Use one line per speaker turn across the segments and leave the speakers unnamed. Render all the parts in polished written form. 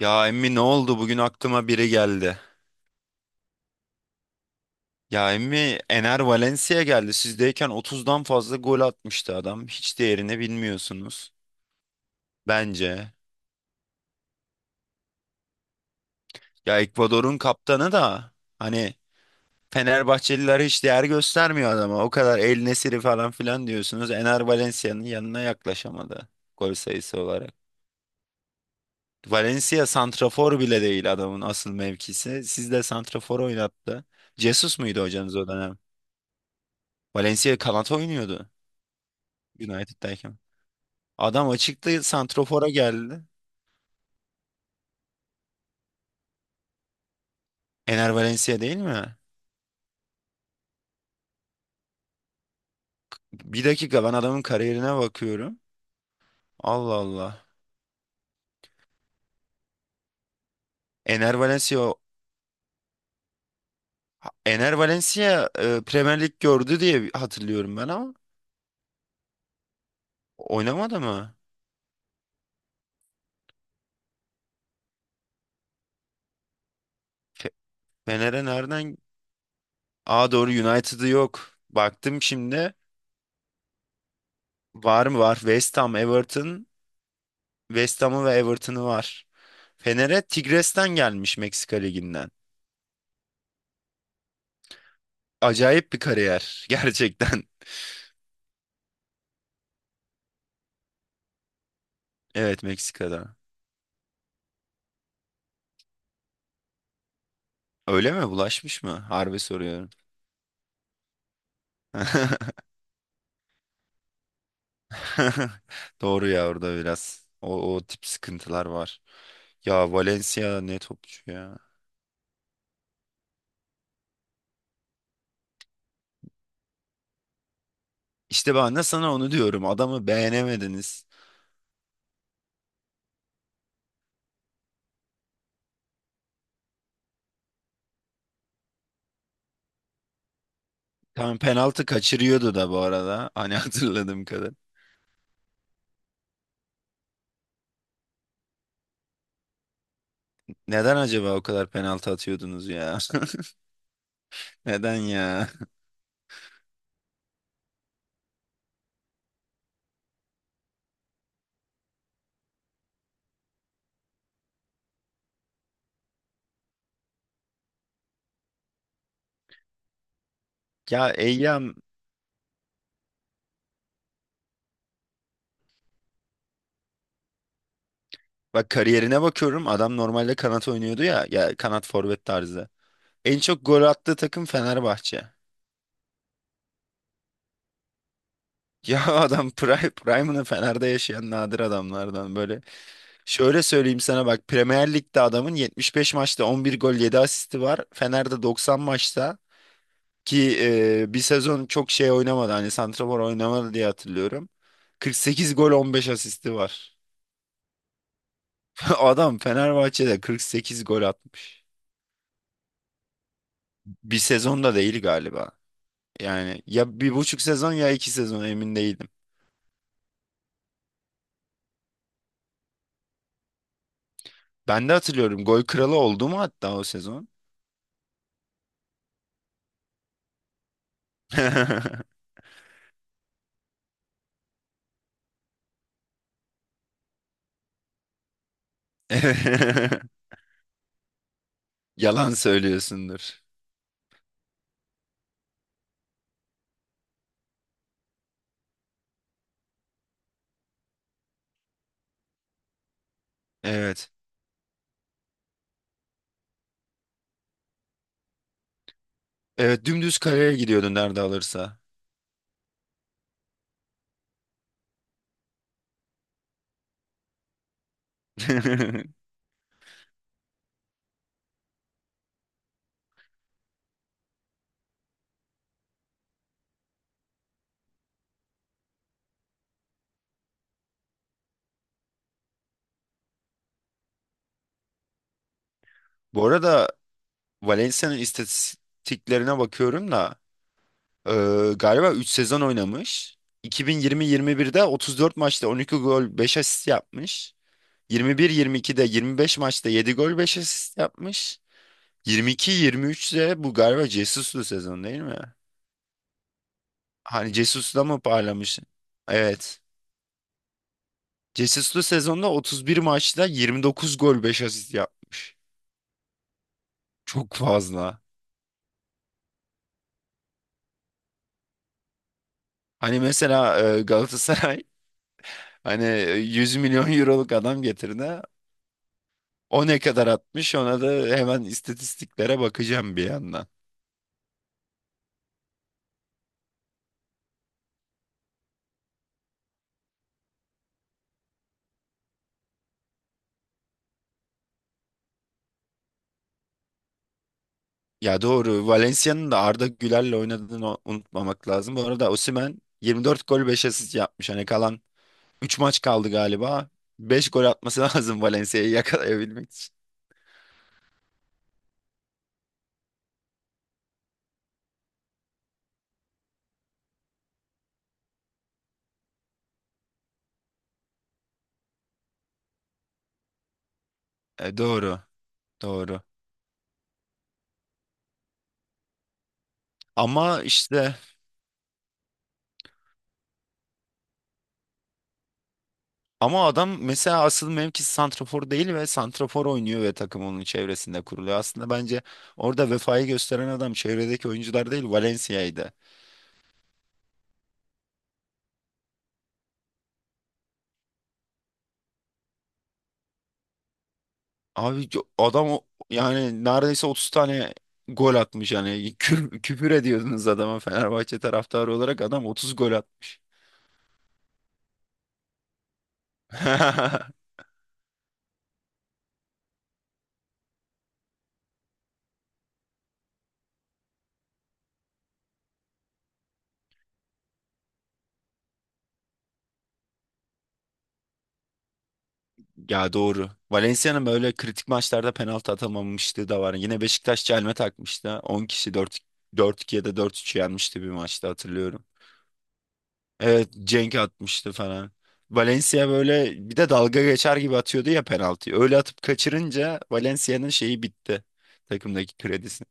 Ya emmi ne oldu? Bugün aklıma biri geldi. Ya emmi Ener Valencia geldi. Sizdeyken 30'dan fazla gol atmıştı adam. Hiç değerini bilmiyorsunuz. Bence. Ya Ekvador'un kaptanı da hani Fenerbahçeliler hiç değer göstermiyor adama. O kadar El Nesiri falan filan diyorsunuz. Ener Valencia'nın yanına yaklaşamadı gol sayısı olarak. Valencia santrafor bile değil adamın asıl mevkisi. Sizde de santrafor oynattı. Jesus muydu hocanız o dönem? Valencia kanat oynuyordu. United'dayken. Adam açıkta santrofora geldi. Ener Valencia değil mi? Bir dakika ben adamın kariyerine bakıyorum. Allah Allah. Ener Valencia o- Ener Valencia Premier Lig gördü diye hatırlıyorum ben ama oynamadı mı? Fe- Fener'e nereden? Aa doğru United'ı yok. Baktım şimdi. Var mı var? West Ham, Everton. West Ham'ı ve Everton'ı var. Fener'e Tigres'ten gelmiş Meksika Ligi'nden. Acayip bir kariyer gerçekten. Evet Meksika'da. Öyle mi? Bulaşmış mı? Harbi soruyorum. Doğru ya orada biraz. O tip sıkıntılar var. Ya Valencia ne topçu ya. İşte ben de sana onu diyorum. Adamı beğenemediniz. Tam penaltı kaçırıyordu da bu arada. Hani hatırladığım kadar. Neden acaba o kadar penaltı atıyordunuz ya? Neden ya? Ya Eyyam bak kariyerine bakıyorum. Adam normalde kanat oynuyordu ya. Ya kanat forvet tarzı. En çok gol attığı takım Fenerbahçe. Ya adam Prime'ını Fener'de yaşayan nadir adamlardan böyle. Şöyle söyleyeyim sana bak Premier Lig'de adamın 75 maçta 11 gol 7 asisti var. Fener'de 90 maçta ki bir sezon çok şey oynamadı hani santrafor oynamadı diye hatırlıyorum. 48 gol 15 asisti var. Adam Fenerbahçe'de 48 gol atmış. Bir sezonda değil galiba. Yani ya bir buçuk sezon ya iki sezon emin değilim. Ben de hatırlıyorum gol kralı oldu mu hatta o sezon? Yalan söylüyorsundur. Evet. Evet dümdüz kareye gidiyordun nerede alırsa. Bu arada Valencia'nın istatistiklerine bakıyorum da e, galiba 3 sezon oynamış. 2020-21'de 34 maçta 12 gol 5 asist yapmış. 21-22'de 25 maçta 7 gol 5 asist yapmış. 22-23'te bu galiba Jesus'lu sezon değil mi? Hani Jesus'la mı parlamış? Evet. Jesus'lu sezonda 31 maçta 29 gol 5 asist yapmış. Çok fazla. Hani mesela Galatasaray hani 100 milyon euroluk adam getirdi. O ne kadar atmış ona da hemen istatistiklere bakacağım bir yandan. Ya doğru Valencia'nın da Arda Güler'le oynadığını unutmamak lazım. Bu arada Osimhen 24 gol 5 asist yapmış. Hani kalan 3 maç kaldı galiba. 5 gol atması lazım Valencia'yı yakalayabilmek için. E, doğru doğru. Ama işte Ama adam mesela asıl mevkisi santrafor değil ve santrafor oynuyor ve takım onun çevresinde kuruluyor. Aslında bence orada vefayı gösteren adam çevredeki oyuncular değil Valencia'ydı. Abi adam yani neredeyse 30 tane gol atmış yani küfür ediyordunuz adama Fenerbahçe taraftarı olarak adam 30 gol atmış. Ya doğru. Valencia'nın böyle kritik maçlarda penaltı atamamışlığı da var. Yine Beşiktaş çelme takmıştı. 10 kişi 4 4-2 ya da 4-3 yenmişti bir maçta hatırlıyorum. Evet Cenk atmıştı falan. Valencia böyle bir de dalga geçer gibi atıyordu ya penaltıyı. Öyle atıp kaçırınca Valencia'nın şeyi bitti. Takımdaki kredisi.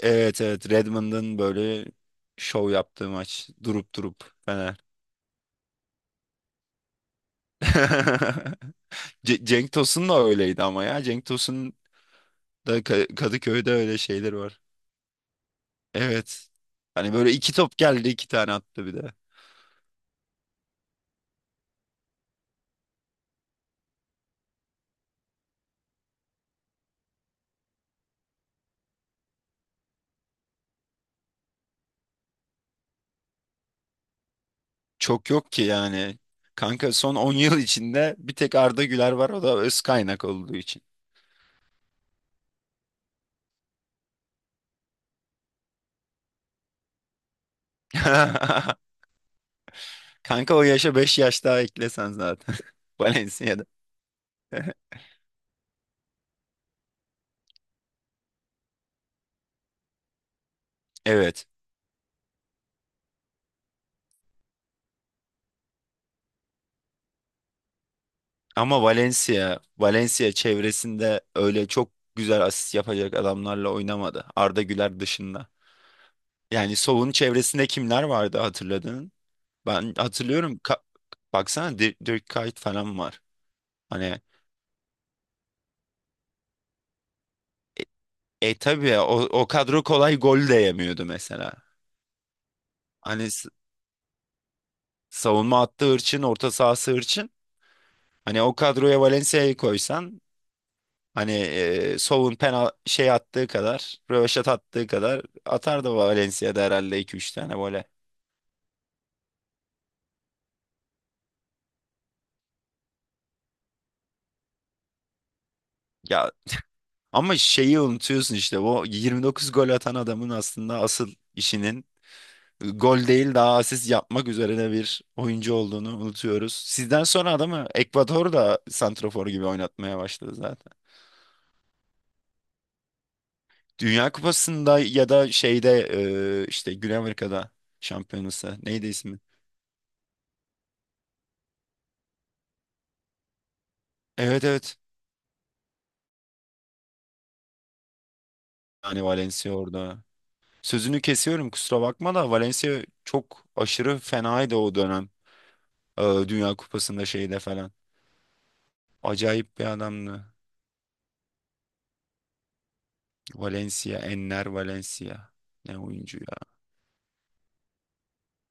Evet, evet, Redmond'ın böyle şov yaptığı maç. Durup durup Fener. Cenk Tosun da öyleydi ama ya. Cenk Tosun da Kadıköy'de öyle şeyler var. Evet. Hani böyle iki top geldi iki tane attı bir de. Çok yok ki yani. Kanka son 10 yıl içinde bir tek Arda Güler var o da öz kaynak olduğu için. Kanka o yaşa 5 yaş daha eklesen zaten. Valencia'da. Evet. Ama Valencia çevresinde öyle çok güzel asist yapacak adamlarla oynamadı. Arda Güler dışında. Yani Sow'un çevresinde kimler vardı hatırladın? Ben hatırlıyorum. Baksana Dirk Kuyt falan var. Hani tabii ya o kadro kolay gol de yemiyordu mesela. Hani savunma hattı hırçın, orta sahası hırçın. Hani o kadroya Valencia'yı koysan hani Sow'un penal şey attığı kadar, röveşat attığı kadar atar da Valencia'da herhalde iki üç tane böyle. Ya ama şeyi unutuyorsun işte o 29 gol atan adamın aslında asıl işinin gol değil daha asist yapmak üzerine bir oyuncu olduğunu unutuyoruz. Sizden sonra adamı Ekvador da santrafor gibi oynatmaya başladı zaten. Dünya Kupası'nda ya da şeyde işte Güney Amerika'da şampiyonası. Neydi ismi? Evet, evet. Yani Valencia orada. Sözünü kesiyorum kusura bakma da Valencia çok aşırı fenaydı o dönem. E, Dünya Kupası'nda şeyde falan. Acayip bir adamdı. Valencia, Enner Valencia. Ne oyuncu ya.